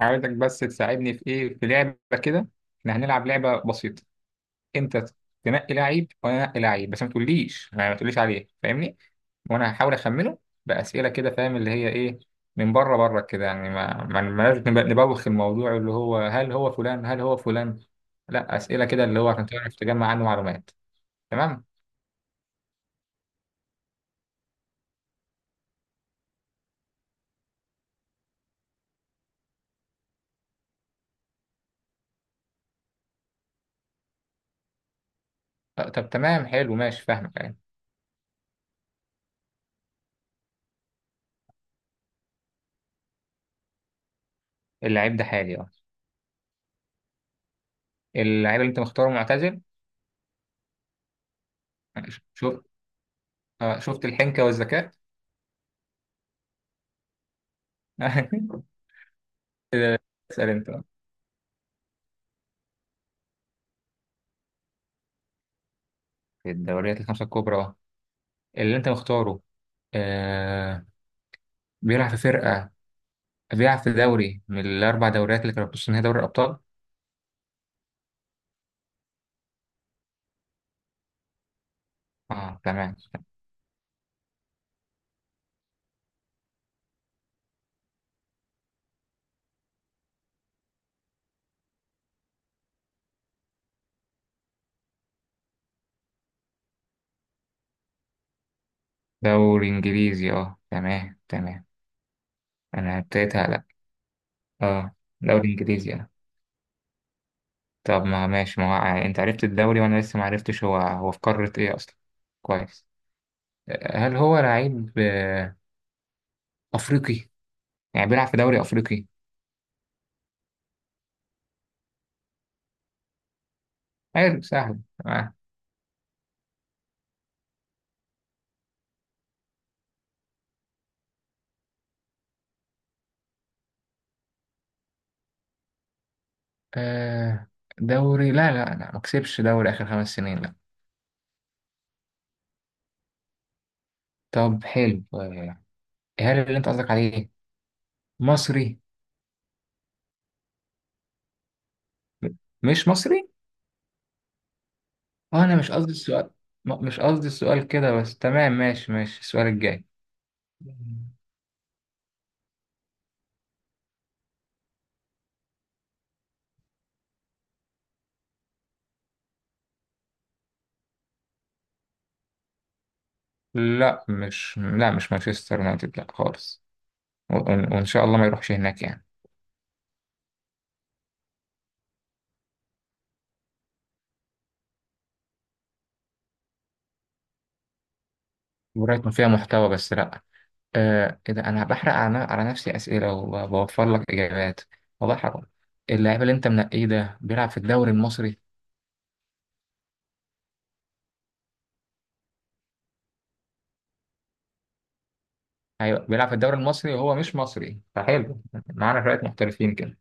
عايزك بس تساعدني في ايه في لعبه كده. احنا هنلعب لعبه بسيطه. انت تنقي لعيب وانا انقي لعيب، بس ما تقوليش، ما تقوليش عليه، فاهمني؟ وانا هحاول اخمنه باسئله كده، فاهم اللي هي ايه؟ من بره كده، يعني ما لازم نبوخ الموضوع اللي هو هل هو فلان هل هو فلان. لا اسئله كده اللي هو عشان تعرف تجمع عنه معلومات. تمام. طب تمام، حلو، ماشي، فاهمك يعني. اللعيب ده حالي اه. اللعيب اللي انت مختاره معتزل. شفت؟ شفت الحنكه والذكاء. آه. اسأل انت بقى. في الدوريات الخمسة الكبرى اللي أنت مختاره آه. بيلعب في فرقة. بيلعب في دوري من الأربع دوريات اللي كانوا بتص نهائي دوري الأبطال؟ أه تمام. دوري إنجليزي أه، تمام تمام. أنا ابتديت هلا. أه. دوري إنجليزي أه. طب ما ماشي، ما هو- يعني أنت عرفت الدوري وأنا لسه ما عرفتش هو هو في قارة إيه أصلا. كويس. هل هو لعيب أفريقي؟ يعني بيلعب في دوري أفريقي؟ حلو، سهل. آه. آه. دوري لا لا لا، ما كسبش دوري آخر خمس سنين، لا. طب حلو هل اللي أنت قصدك عليه مصري؟ م- مش مصري؟ أه أنا مش قصدي السؤال. مش قصدي السؤال كده، بس تمام ماشي ماشي، السؤال الجاي. لا مش، لا مش مانشستر يونايتد، لا خالص. وإن شاء الله ما يروحش هناك يعني. برايتون فيها محتوى بس لا. آه إيه ده، أنا بحرق على نفسي أسئلة وبوفر لك إجابات، والله حرام. اللاعب اللي أنت منقيه ده بيلعب في الدوري المصري. ايوه بيلعب في الدوري المصري وهو مش مصري، فحلو، معانا شويه محترفين كده.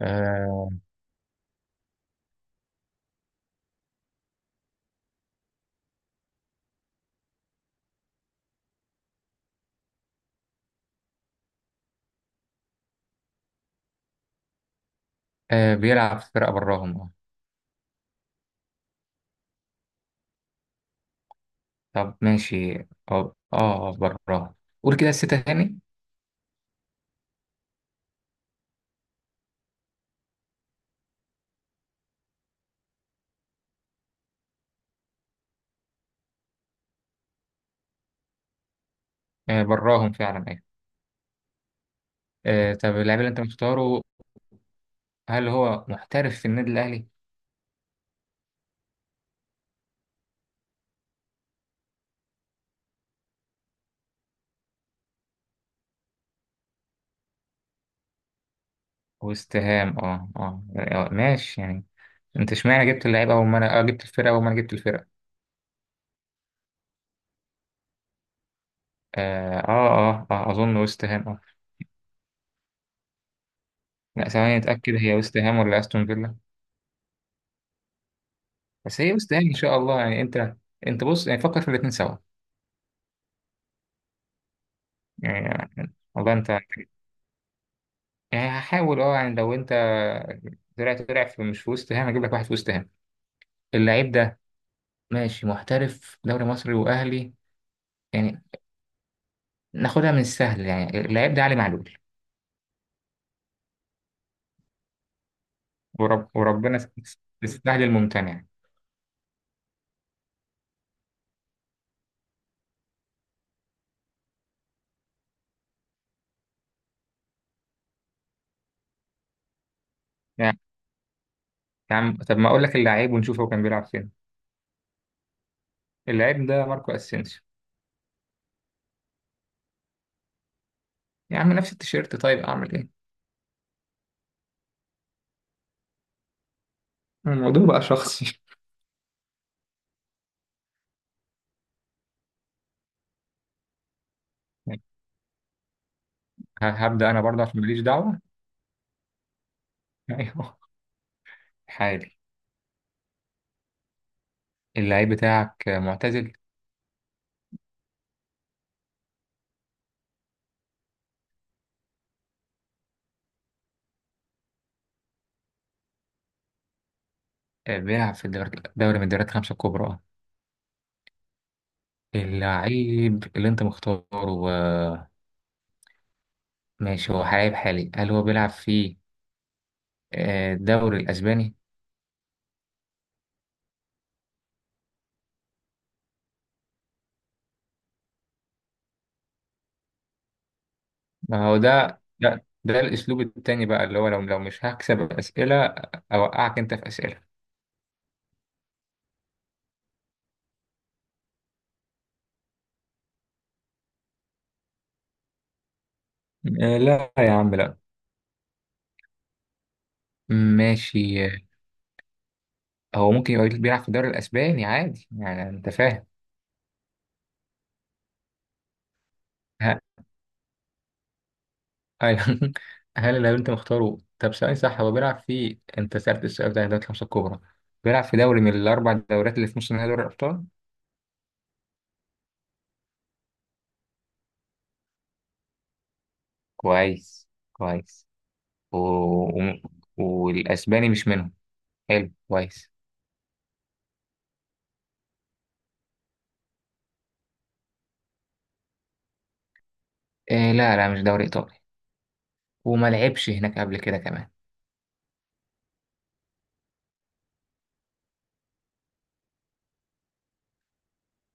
آه. آه بيلعب في فرقه براهم اه. طب ماشي. اه اه براهم. قول كده الستة تاني. آه براهم فعلا، ايوه. آه طب اللاعب اللي انت مختاره، هل هو محترف في النادي الاهلي؟ وسام اه اه ماشي يعني. انت اشمعنى جبت اللعيبه اول ما انا اه جبت الفرقه اول ما انا جبت الفرقه. اه اه. آه. آه اظن وست هام اه. لا ثواني اتاكد، هي وست هام ولا استون فيلا؟ بس هي بس يعني ان شاء الله يعني انت. انت بص، يعني فكر في الاتنين سوا يعني. والله انت يعني هحاول اه يعني لو انت طلعت، طلع في مش في وست هام، هجيب لك واحد في وست هام. اللعيب ده ماشي محترف دوري مصري واهلي يعني، ناخدها من السهل يعني. اللعيب ده علي معلول. وربنا السهل الممتنع يعني. يا عم طب ما اقول لك اللعيب ونشوف هو كان بيلعب فين. اللعيب ده ماركو اسينسيو. يا عم نفس التيشيرت، طيب اعمل ايه؟ الموضوع بقى شخصي. هبدأ انا برضه عشان ماليش دعوة. ايوه حالي. اللعيب بتاعك معتزل. بيلعب في الدوري، دوري من الدوريات الخمسة الكبرى اه. اللعيب اللي انت مختاره آه، ماشي، هو لعيب حالي، هل هو بيلعب في الدوري الأسباني؟ ما هو ده ده الأسلوب التاني بقى، اللي هو لو لو مش هكسب أسئلة أوقعك أنت في أسئلة. لا يا عم لا. ماشي آه. هو ممكن يبقى بيلعب في الدوري الأسباني عادي يعني، أنت فاهم. أيوة. هل اللي أنت مختاره، طب ثواني، صح هو بيلعب في، أنت سألت السؤال ده دوري الخمسة الكبرى، بيلعب في دوري من الأربع دوريات اللي في نص نهائي دوري الأبطال. كويس كويس. و... و... والأسباني مش منهم. حلو كويس. إيه لا لا، مش دوري إيطالي، وما لعبش هناك قبل كده كمان.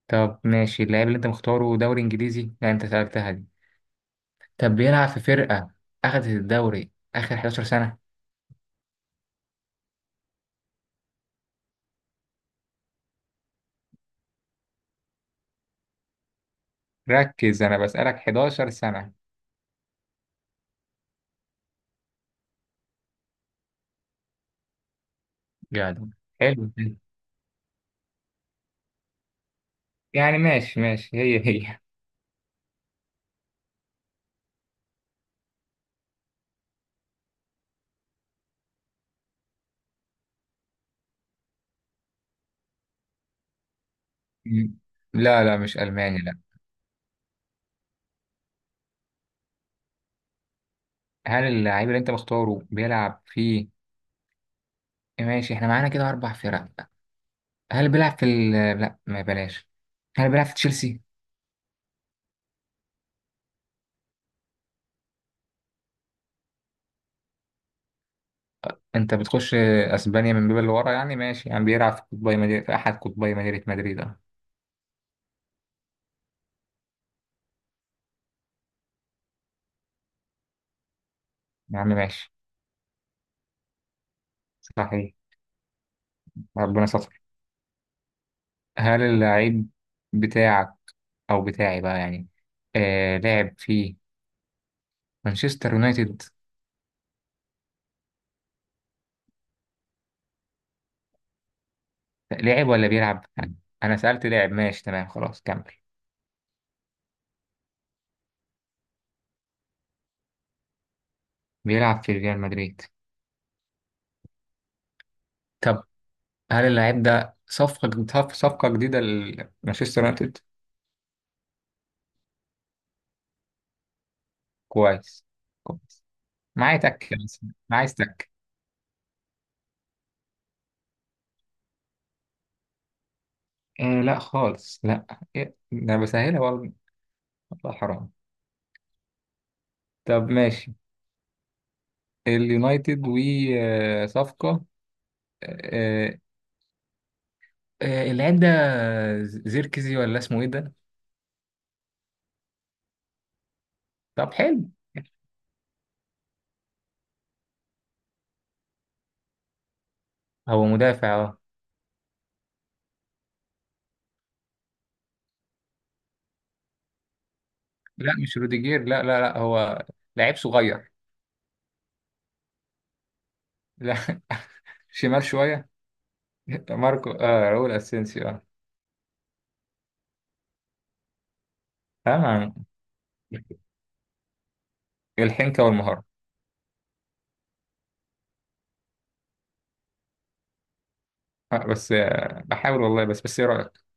طب ماشي، اللاعب اللي أنت مختاره دوري إنجليزي، لا أنت سألتها دي. طب بيلعب في فرقة أخدت الدوري آخر 11 سنة. ركز أنا بسألك 11 سنة. يعني حلو يعني، ماشي ماشي، هي هي. مم. لا لا، مش ألماني، لا. هل اللعيب اللي أنت مختاره بيلعب في، ماشي إحنا معانا كده أربع فرق، هل بيلعب في لا ما بلاش، هل بيلعب في تشيلسي؟ أنت بتخش أسبانيا من باب اللي ورا يعني، ماشي يعني بيلعب في قطبي مدينة، في أحد قطبي مدينة مدريد أه. يا عم ماشي. صحيح. ربنا ستر. هل اللعيب بتاعك، أو بتاعي بقى يعني، آه لعب في مانشستر يونايتد؟ لعب ولا بيلعب؟ انا سألته لعب، ماشي تمام خلاص كمل. بيلعب في ريال مدريد. طب هل اللاعب ده صفقة صفقة جديدة لمانشستر يونايتد؟ كويس كويس. معايا تك بس. معايا تك. آه لا خالص لا. إيه؟ ده أنا بسهلها والله، والله حرام. طب ماشي، اليونايتد وصفقة آه آه، اللاعب ده زيركزي ولا اسمه ايه ده؟ طب حلو. هو مدافع. لا مش روديجير، لا لا لا، هو لعيب صغير. لا. شمال شوية. ماركو آه راؤول اسينسيو اه. آه. الحنكة والمهارة. آه بس آه بحاول والله، بس بس ايه رأيك؟